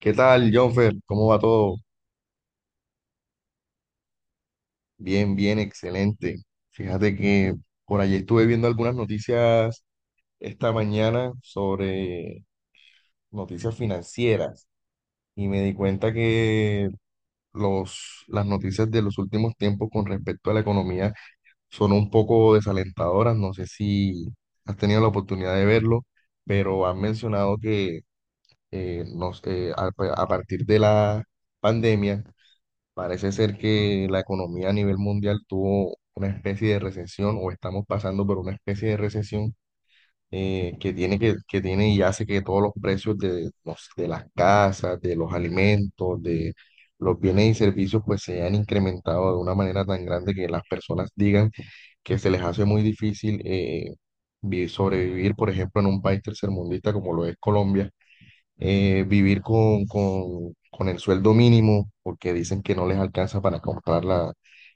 ¿Qué tal, Jonfer? ¿Cómo va todo? Bien, bien, excelente. Fíjate que por allí estuve viendo algunas noticias esta mañana sobre noticias financieras y me di cuenta que las noticias de los últimos tiempos con respecto a la economía son un poco desalentadoras. No sé si has tenido la oportunidad de verlo, pero han mencionado que eh, nos- eh, a a partir de la pandemia. Parece ser que la economía a nivel mundial tuvo una especie de recesión, o estamos pasando por una especie de recesión, que tiene que tiene y hace que todos los precios de las casas, de los alimentos, de los bienes y servicios pues se hayan incrementado de una manera tan grande que las personas digan que se les hace muy difícil sobrevivir, por ejemplo, en un país tercermundista como lo es Colombia. Eh, vivir con el sueldo mínimo, porque dicen que no les alcanza para comprar la-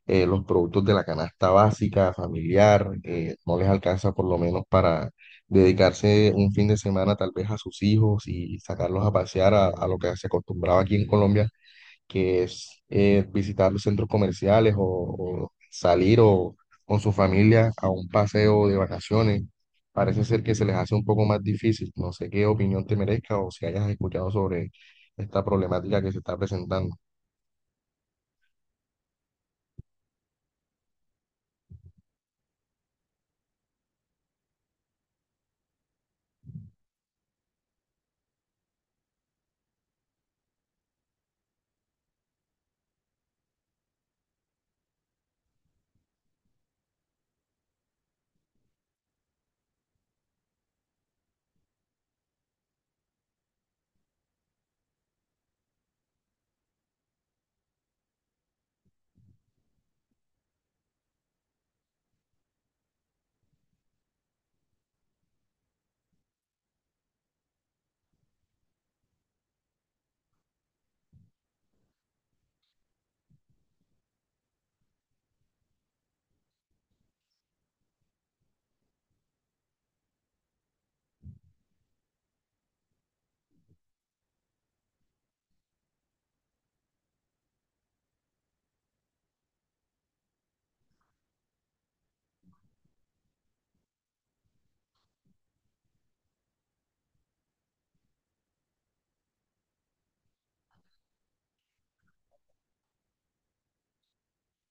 eh, los productos de la canasta básica, familiar. No les alcanza por lo menos para dedicarse un fin de semana tal vez a sus hijos y sacarlos a pasear a lo que se acostumbraba aquí en Colombia, que es visitar los centros comerciales, o salir o con su familia a un paseo de vacaciones. Parece ser que se les hace un poco más difícil. No sé qué opinión te merezca o si hayas escuchado sobre esta problemática que se está presentando.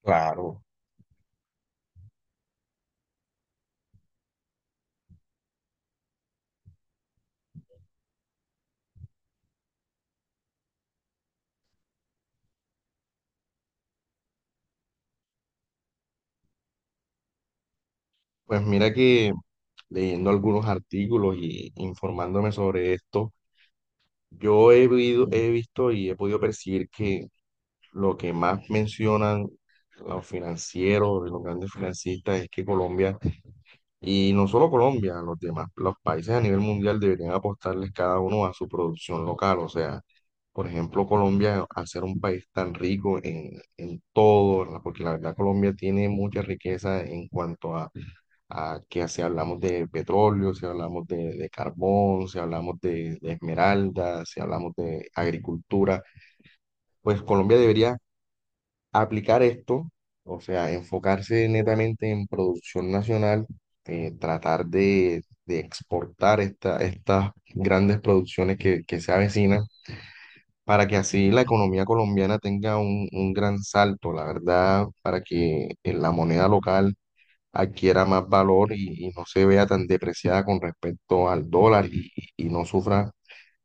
Claro. Pues mira que leyendo algunos artículos y informándome sobre esto, yo he visto y he podido percibir que lo que más mencionan los financieros, los grandes financistas, es que Colombia, y no solo Colombia, los demás, los países a nivel mundial deberían apostarles cada uno a su producción local. O sea, por ejemplo, Colombia, al ser un país tan rico en todo, porque la verdad Colombia tiene mucha riqueza en cuanto a que si hablamos de petróleo, si hablamos de carbón, si hablamos de esmeraldas, si hablamos de agricultura, pues Colombia debería aplicar esto, o sea, enfocarse netamente en producción nacional, tratar de exportar estas grandes producciones que se avecinan, para que así la economía colombiana tenga un gran salto, la verdad, para que la moneda local adquiera más valor y no se vea tan depreciada con respecto al dólar y no sufra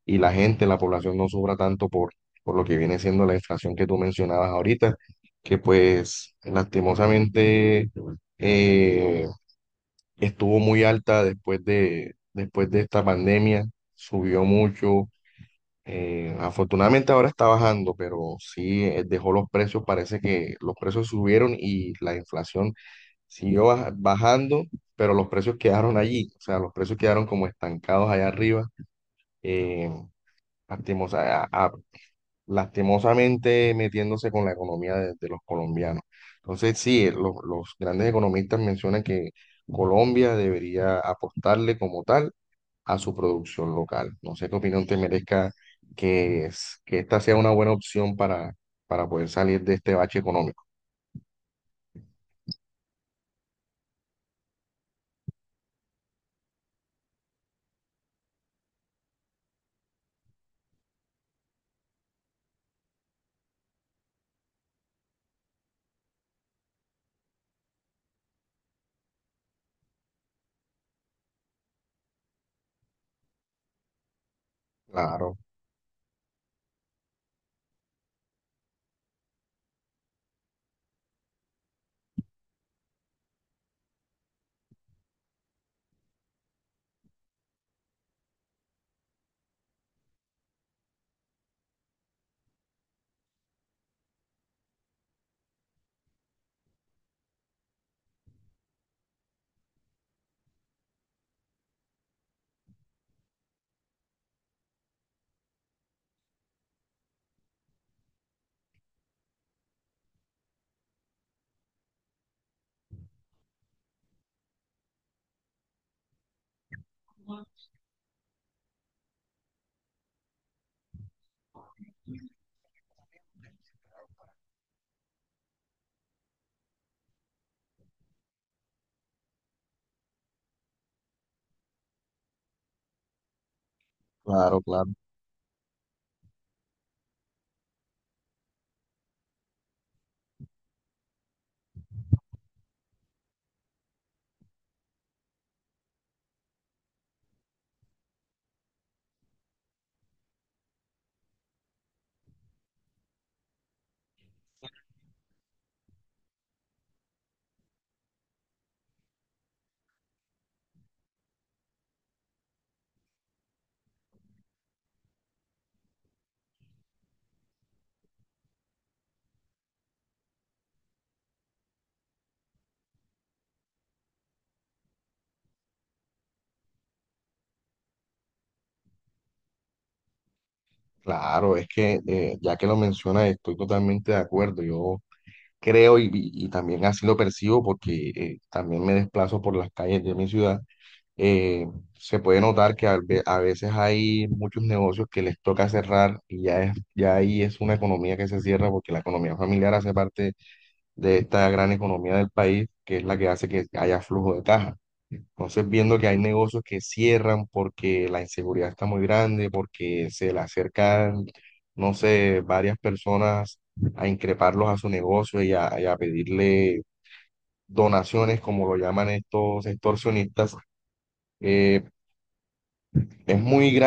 y la gente, la población no sufra tanto por lo que viene siendo la inflación que tú mencionabas ahorita, que pues lastimosamente eh, estuvo muy alta después de esta pandemia, subió mucho. Afortunadamente ahora está bajando, pero sí dejó los precios, parece que los precios subieron y la inflación siguió bajando, pero los precios quedaron allí, o sea, los precios quedaron como estancados allá arriba. eh, lastimosa- a- a- Lastimosamente metiéndose con la economía de los colombianos. Entonces, sí, los grandes economistas mencionan que Colombia debería apostarle como tal a su producción local. No sé qué opinión te merezca que esta sea una buena opción para poder salir de este bache económico. Claro, claro, claro. Claro, es que ya que lo mencionas, estoy totalmente de acuerdo. Yo creo y también así lo percibo porque también me desplazo por las calles de mi ciudad. eh, Se puede notar que a veces hay muchos negocios que les toca cerrar y ya, es, ya ahí es una economía que se cierra, porque la economía familiar hace parte de esta gran economía del país, que es la que hace que haya flujo de caja. Entonces, viendo que hay negocios que cierran porque la inseguridad está muy grande, porque se le acercan, no sé, varias personas a increparlos a su negocio y a pedirle donaciones, como lo llaman estos extorsionistas, eh, es muy.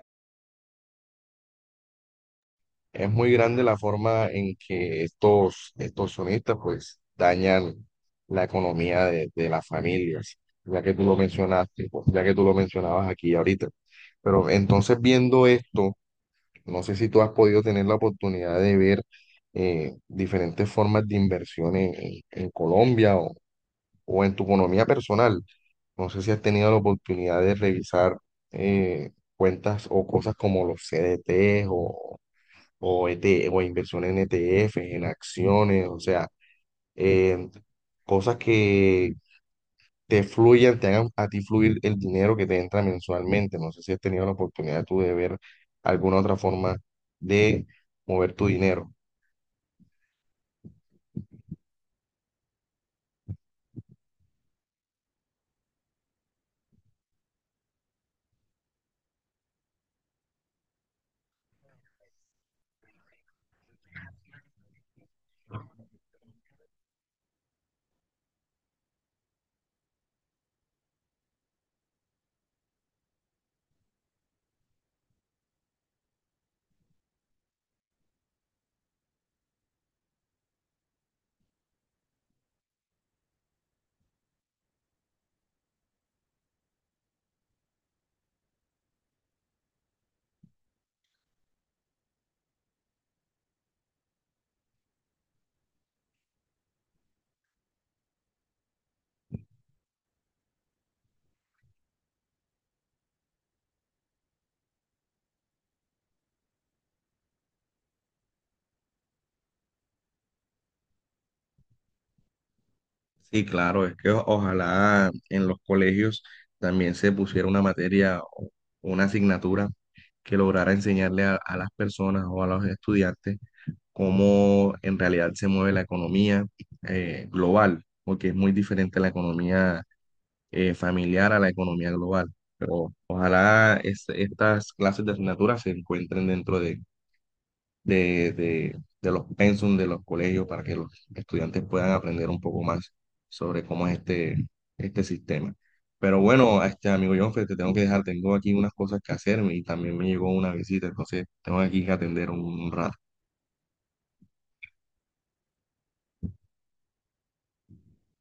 Es muy grande la forma en que estos, estos sonistas pues dañan la economía de las familias, ya que tú lo mencionaste, pues, ya que tú lo mencionabas aquí ahorita. Pero entonces viendo esto, no sé si tú has podido tener la oportunidad de ver diferentes formas de inversión en, en Colombia o en tu economía personal. No sé si has tenido la oportunidad de revisar eh, cuentas o cosas como los CDTs o, ET o inversión en ETFs, en acciones, o sea, eh, cosas que te fluyan, te hagan a ti fluir el dinero que te entra mensualmente. No sé si has tenido la oportunidad tú de ver alguna otra forma de mover tu dinero. Sí, claro, es que ojalá en los colegios también se pusiera una materia o una asignatura que lograra enseñarle a las personas o a los estudiantes cómo en realidad se mueve la economía global, porque es muy diferente la economía familiar a la economía global. Pero ojalá estas clases de asignaturas se encuentren dentro de los pensum de los colegios para que los estudiantes puedan aprender un poco más sobre cómo es este, este sistema. Pero bueno, este amigo Jonfe, te tengo que dejar, tengo aquí unas cosas que hacerme y también me llegó una visita, entonces tengo aquí que atender un rato.